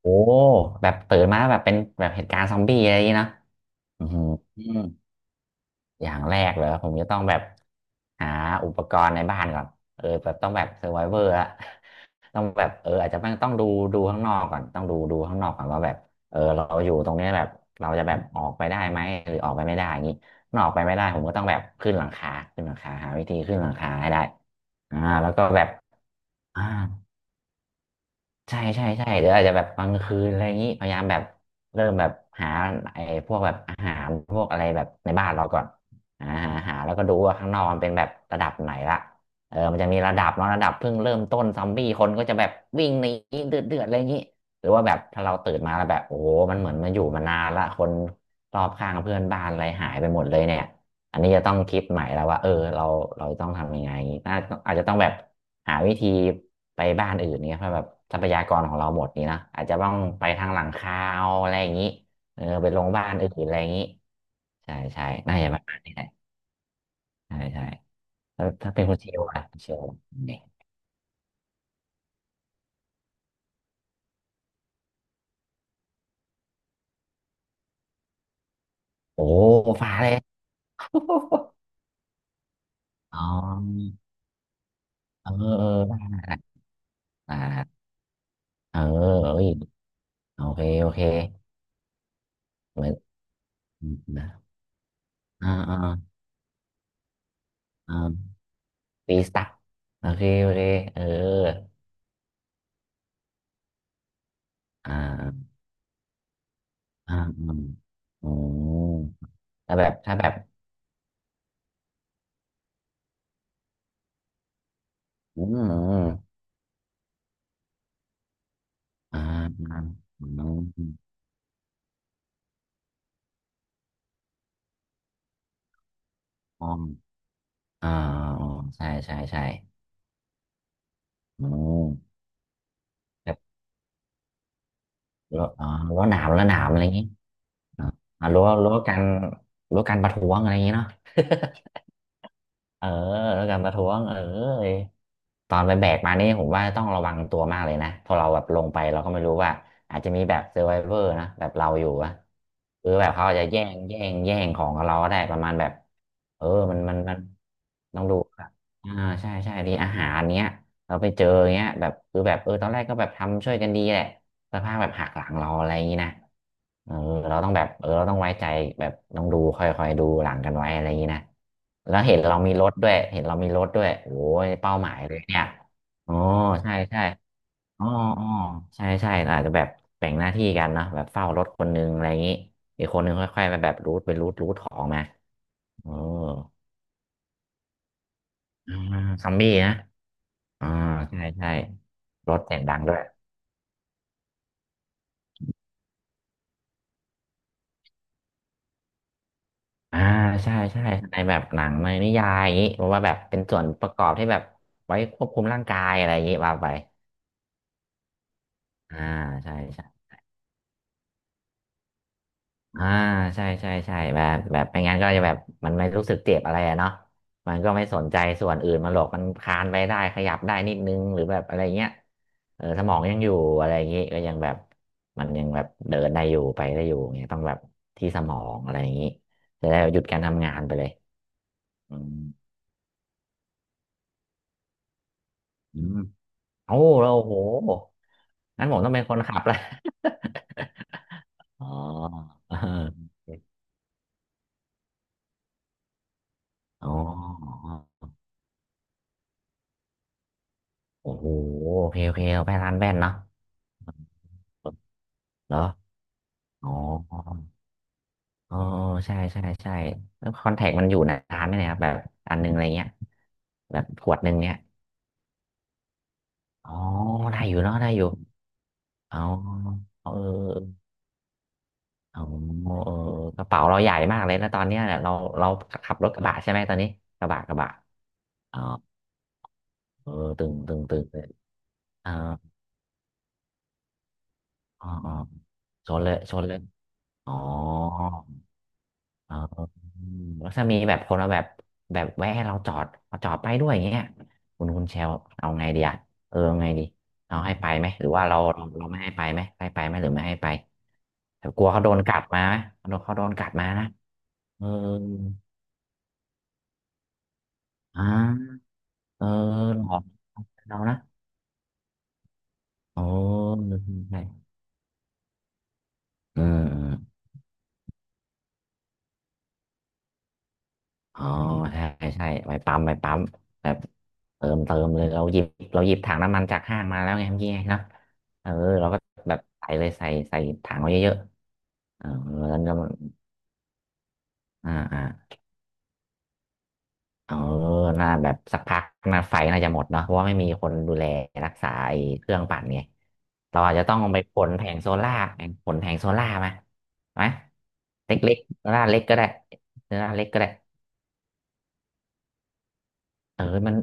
โอ้แบบตื่นมาแบบเป็นแบบเหตุการณ์ซอมบี้อะไรอย่างนี้เนอะอือหืออืมอย่างแรกเลยผมจะต้องแบบหาอุปกรณ์ในบ้านก่อนแบบต้องแบบเซอร์ไวเวอร์ละต้องแบบอาจจะต้องดูข้างนอกก่อนต้องดูข้างนอกก่อนว่าแบบเราอยู่ตรงเนี้ยแบบเราจะแบบออกไปได้ไหมหรือออกไปไม่ได้อย่างนี้ถ้าออกไปไม่ได้ผมก็ต้องแบบขึ้นหลังคาขึ้นหลังคาหาวิธีขึ้นหลังคาให้ได้แล้วก็แบบอ่า ใช่ใช่ใช่เดี๋ยวอาจจะแบบกลางคืนอะไรอย่างนี้พยายามแบบเริ่มแบบหาไอ้พวกแบบอาหารพวกอะไรแบบในบ้านเราก่อนหาแล้วก็ดูว่าข้างนอกมันเป็นแบบระดับไหนละมันจะมีระดับเนาะระดับเพิ่งเริ่มต้นซอมบี้คนก็จะแบบวิ่งหนีเดือดอะไรอย่างนี้หรือว่าแบบถ้าเราตื่นมาแล้วแบบโอ้โหมันเหมือนมันอยู่มานานละคนรอบข้างเพื่อนบ้านอะไรหายไปหมดเลยเนี่ย อันนี้จะต้องคิดใหม่แล้วว่าเราต้องทำยังไงน่าอาจจะต้องแบบหาวิธีไปบ้านอื่นเนี่ยเพราะแบบทรัพยากรของเราหมดนี่นะอาจจะต้องไปทางหลังคาเอาอะไรอย่างนี้ไปลงบ้านอื่นอะไรอย่างนี้ใช่ใช่น่าจะประมาณนี้แหละใช่ใช่แล้วถ้าเป็นคุณเชลเนี่ยโอ้ฟ้าเลย อ๋ออเออได้อ่าเออเอ้ยโอเคโอเคเหมือนนะอ่าอ่าอ่า ฟีสตะโอเคโอเคเอออ่าอ่าอืมอืมถ้าแบบถ้าแบบอืมอืมอ่าอ่าอืมอ๋ออ่าอ๋อใช่ใช่ใช่อืมแบบรั้วอ๋อรั้วหนามอะไรอย่างงี้อ่ารั้วกันรั้วกันประท้วงอะไรอย่างงี้เนาะ เออรั้วกันประท้วงเออ ตอนไปแบกมานี่ผมว่าต้องระวังตัวมากเลยนะพอเราแบบลงไปเราก็ไม่รู้ว่าอาจจะมีแบบเซ r ร์ v วเวอร์นะแบบเราอยู่อะคือแบบเขาอาจจะแย่งของกับเราก็ได้ประมาณแบบอมันต้องดูครับอ่าใช่ใช่ดีอาหารเนี้ย เราไปเจออย่างเงี้ยแบบคือแบบตอนแรกก็แบบทำช่วยกันดีแหละสักพักแบบหักหลังเราอะไรอย่างงี้นะเออเออเราต้องไว้ใจแบบต้องดูคอยดูหลังกันไว้อะไรอย่างงี้นะแล้วเห็นเรามีรถด้วยโอ้ยเป้าหมายเลยเนี่ยอ๋อใช่ใช่อ๋ออ๋อใช่ใช่อาจจะแบบแบ่งหน้าที่กันเนาะแบบเฝ้ารถคนนึงอะไรอย่างนี้อีกคนนึงค่อยๆไปแบบรูทไปรูทรูทของมาเอออ่าซัมบี้นะอ่าใช่ใช่รถเสียงดังด้วย อ่าใช่ใช่ในแบบหนังในนิยายอย่างนี้ผมว่าแบบเป็นส่วนประกอบที่แบบไว้ควบคุมร่างกายอะไรอย่างนี้ว่าไปอ่าใช่ใช่อ่าใช่ใช่ใช่แบบแบบไม่งั้นก็จะแบบมันไม่รู้สึกเจ็บอะไรอะเนาะมันก็ไม่สนใจส่วนอื่นมันหรอกมันคลานไปได้ขยับได้นิดนึงหรือแบบอะไรเงี้ยสมองยังอยู่อะไรอย่างงี้ก็ยังแบบมันยังแบบเดินได้อยู่ไปได้อยู่เงี้ยต้องแบบที่สมองอะไรอย่างงี้จะได้หยุดการทำงานไปเลยอืมอืมโอ้แล้วโอ้โห งั้นผมต้องเป็นคนขับแล้ว อ๋อเอออ๋อโอ้โหโอเคโอเคเอาไปร้านแว่นเนาะเหรออ๋ออใช่ใช่ใช่แล้วคอนแทคมันอยู่นานไหมเนี่ยครับแบบอันหนึงอะไรเงี้ยแบบขวดหนึ่งเนี่ยอ๋อได้อยู่เนาะได้อยู่เอเออเออเออกระเป๋าเราใหญ่มากเลยนะตอนเนี้ยเนี่ยเราขับรถกระบะใช่ไหมตอนนี้กระบะอ๋อเออตึงตึงตึงเลยเออ อ๋ออ๋อชนเลยชนเลยอ๋ออ๋ออืมแล้วถ้ามีแบบคนมาแบบแวะให้เราจอดมาจอดไปด้วยอย่างเงี้ยคุณเชลเอาไงดีอะเอาไงดีเอาให้ไปไหมหรือว่าเราไม่ให้ไปไหมให้ไปไหมหรือไม่ให้ไปแต่กลัวเขาโดนกัดมาไหมเขาโดนกัดมานะเอออ่าเออหลอกเรานะโอ้ใช่เอม อ๋อใช่ใช่ไปปั๊มไปปั๊มแบบเติมเติมเลยเราหยิบเราหยิบถังน้ำมันจากห้างมาแล้วไงเมื่อกี้ไงเนาะเออเราก็แบบใส่เลยใส่ใส่ถังไว้เยอะๆเออแล้วก็อ่าอ่าเออน่าแบบสักพักน่าไฟน่าจะหมดเนาะเพราะว่าไม่มีคนดูแลรักษาไอ้เครื่องปั่นไงเราอาจจะต้องไปขนแผงโซล่าร์แผงขนแผงโซล่าร์มาไหมเล็กๆโซล่าร์เล็กก็ได้โซล่าร์เล็กก็ได้เออมัน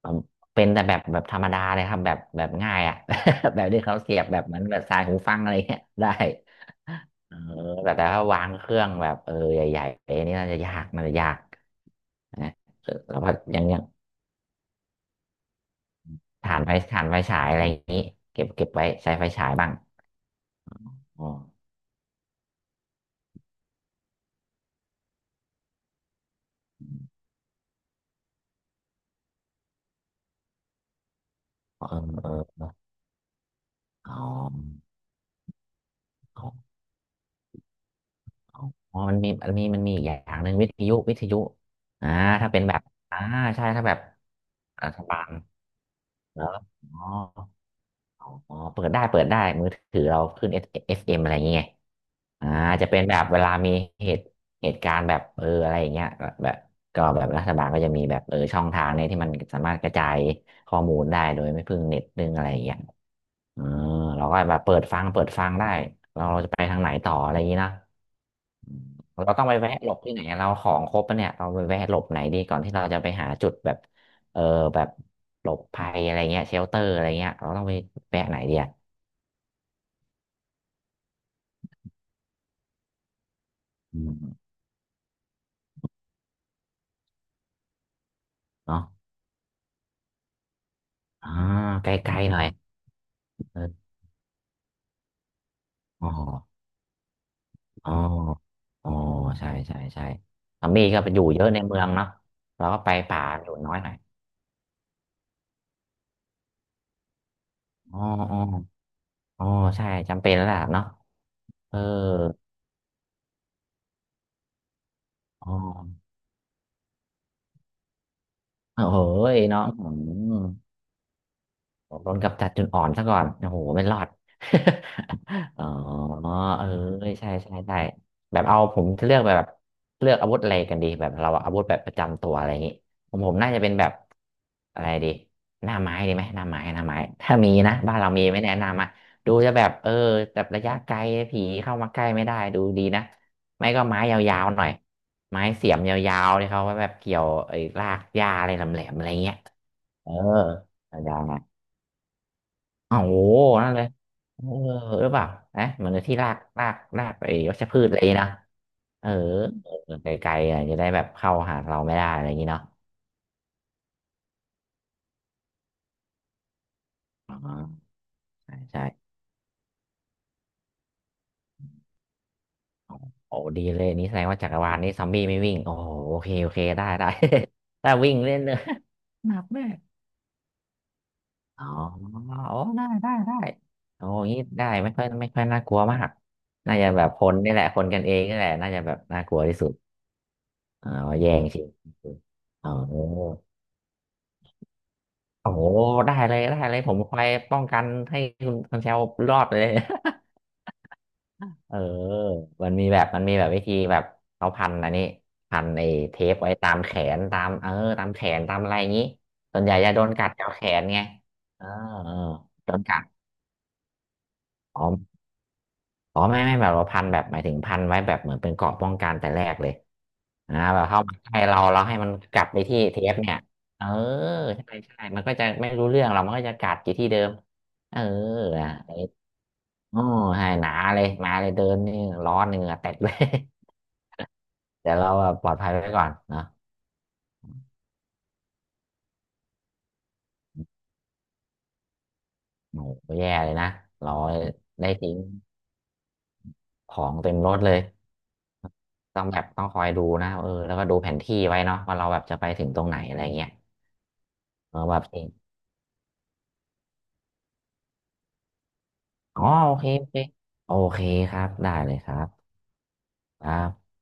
เป็นแต่แบบแบบธรรมดาเลยครับแบบแบบง่ายอ่ะ แบบที่เขาเสียบแบบเหมือนแบบสายหูฟังอะไรเงี้ยได้เออแต่แต่ถ้าวางเครื่องแบบเออใหญ่ๆอันนี้น่าจะยากน่าจะยากนะแล้วก็ยังยังฐานไฟฐานไฟฉายอะไรอย่างนี้เก็บเก็บไว้ใช้ไฟฉายบ้างอ๋อเออเอออ๋ออ๋ออ๋ออ๋อมันมีมันมีมันมีอีกอย่างหนึ่งวิทยุวิทยุอ่าถ้าเป็นแบบอ่าใช่ถ้าแบบรัฐบาลเหรออ๋อ อ๋อเปิดได้เปิดได้มือถือเราขึ้น FM อฟเอ็มอะไรอย่างเงี้ยอ่าจะเป็นแบบเวลามีเหตุเหตุการณ์แบบเอออะไรอย่างเงี้ยก็แบบก็แบบรัฐบาลก็จะมีแบบเออช่องทางเนี่ยที่มันสามารถกระจายข้อมูลได้โดยไม่พึ่งเน็ตพึ่งอะไรอย่างเงี้ยเออเราก็แบบเปิดฟังเปิดฟังได้เราเราจะไปทางไหนต่ออะไรอย่างงี้นะเราต้องไปแวะหลบที่ไหนเราของครบปะเนี่ยเราไปแวะหลบไหนดีก่อนที่เราจะไปหาจุดแบบเออแบบหลบภัยอะไรเงี้ยเชลเตอร์อะไรเงี้ยเราต้องไปแวะไหนดีอะ อืมเนาะอ่าไกลๆหน่อยเอออ๋ออ๋ออ๋อใช่ใช่ใช่ทอมมี่ก็ไปอยู่เยอะในเมืองเนาะเราก็ไปป่าอยู่น้อยหน่อยอ๋ออ๋ออ๋อใช่ จำเป็นแล้วล่ะเนาะเอออ๋อโอ้โหเนาะอืม ผมโดนกับจัดจุดอ่อนซะก่อนโอ้โหไม่รอด อ๋อเออใช่ใช่ใช่แบบเอาผมจะเลือกแบบเลือกอาวุธอะไรกันดีแบบเราอาวุธแบบประจำตัวอะไรอย่างนี้ผมผมน่าจะเป็นแบบอะไรดีหน้าไม้ดีไหมหน้าไม้หน้าไม้ ถ้ามีนะบ้านเรามีไหม่แนะนำอ่ะดูจะแบบเออแบบระยะไกลผีเข้ามาใกล้ไม่ได้ดูดีนะ ไม่ก็ไม้ยาวๆหน่อยไม้เสียมยาวๆที่เขาไว้แบบเกี่ยวไอ้รากหญ้าอะไรแหลมๆอะไรเงี้ยเออยาว อ๋อโหนั่นเลยเออหรือเปล่านะเหมือนที่รากรากรากไอ้วัชพืชอะไรอย่างงี้นะเออเออไกลๆอ่ะจะได้แบบเข้าหาเราไม่ได้อะไรอย่างงี้เนาะอ๋อใช่ใช่โอ้โอ้ดีเลยนี่แสดงว่าจักรวาลนี้ซอมบี้ไม่วิ่งโอ้โหโอเคโอเคได้ได้ ถ้าวิ่งเล่นเลยหนักแม่อ๋ออ๋อได้ได้ได้โอ้อยางงี้ได้ไม่ค่อยไม่ค่อยน่ากลัวมากน่าจะแบบคนนี่แหละคนกันเองนี่แหละน่าจะแบบน่ากลัวที่สุดอ๋อแย่งชิงอ๋อ โอ้โหได้เลยได้เลยผมคอยป้องกันให้คุณคุณเชลรอดเลย เออมันมีแบบมันมีแบบวิธีแบบเขาพันอันนี้พันไอ้เทปไว้ตามแขนตามเออตามแขนตามอะไรอย่างนี้ส่วนใหญ่จะโดนกัดแถวแขนไงเออเออโดนกัดอ๋ออ๋อไม่ไม่แบบว่าพันแบบหมายถึงพันไว้แบบเหมือนเป็นเกราะป้องกันแต่แรกเลยนะแบบเข้ามาใกล้เราเราให้มันกลับไปที่เทปเนี่ยเออใช่ใช่มันก็จะไม่รู้เรื่องเรามันก็จะกัดอยู่ที่เดิมเออนะ โอ้ใช่หนาเลยมาเลยเดินนี่ร้อนเหงื่อแตกเลย แต่เราแบบปลอดภัยไว้ก่อนเนาะโอ้โหแย่เลยนะ เราได้ทิ้งของเต็มรถเลยต้องแบบต้องคอยดูนะเออแล้วก็ดูแผนที่ไว้เนาะว่าเราแบบจะไปถึงตรงไหนอะไรเงี้ยเออแบบเองอ๋อโอเคโอเคโอเคครับได้เลยครับครับ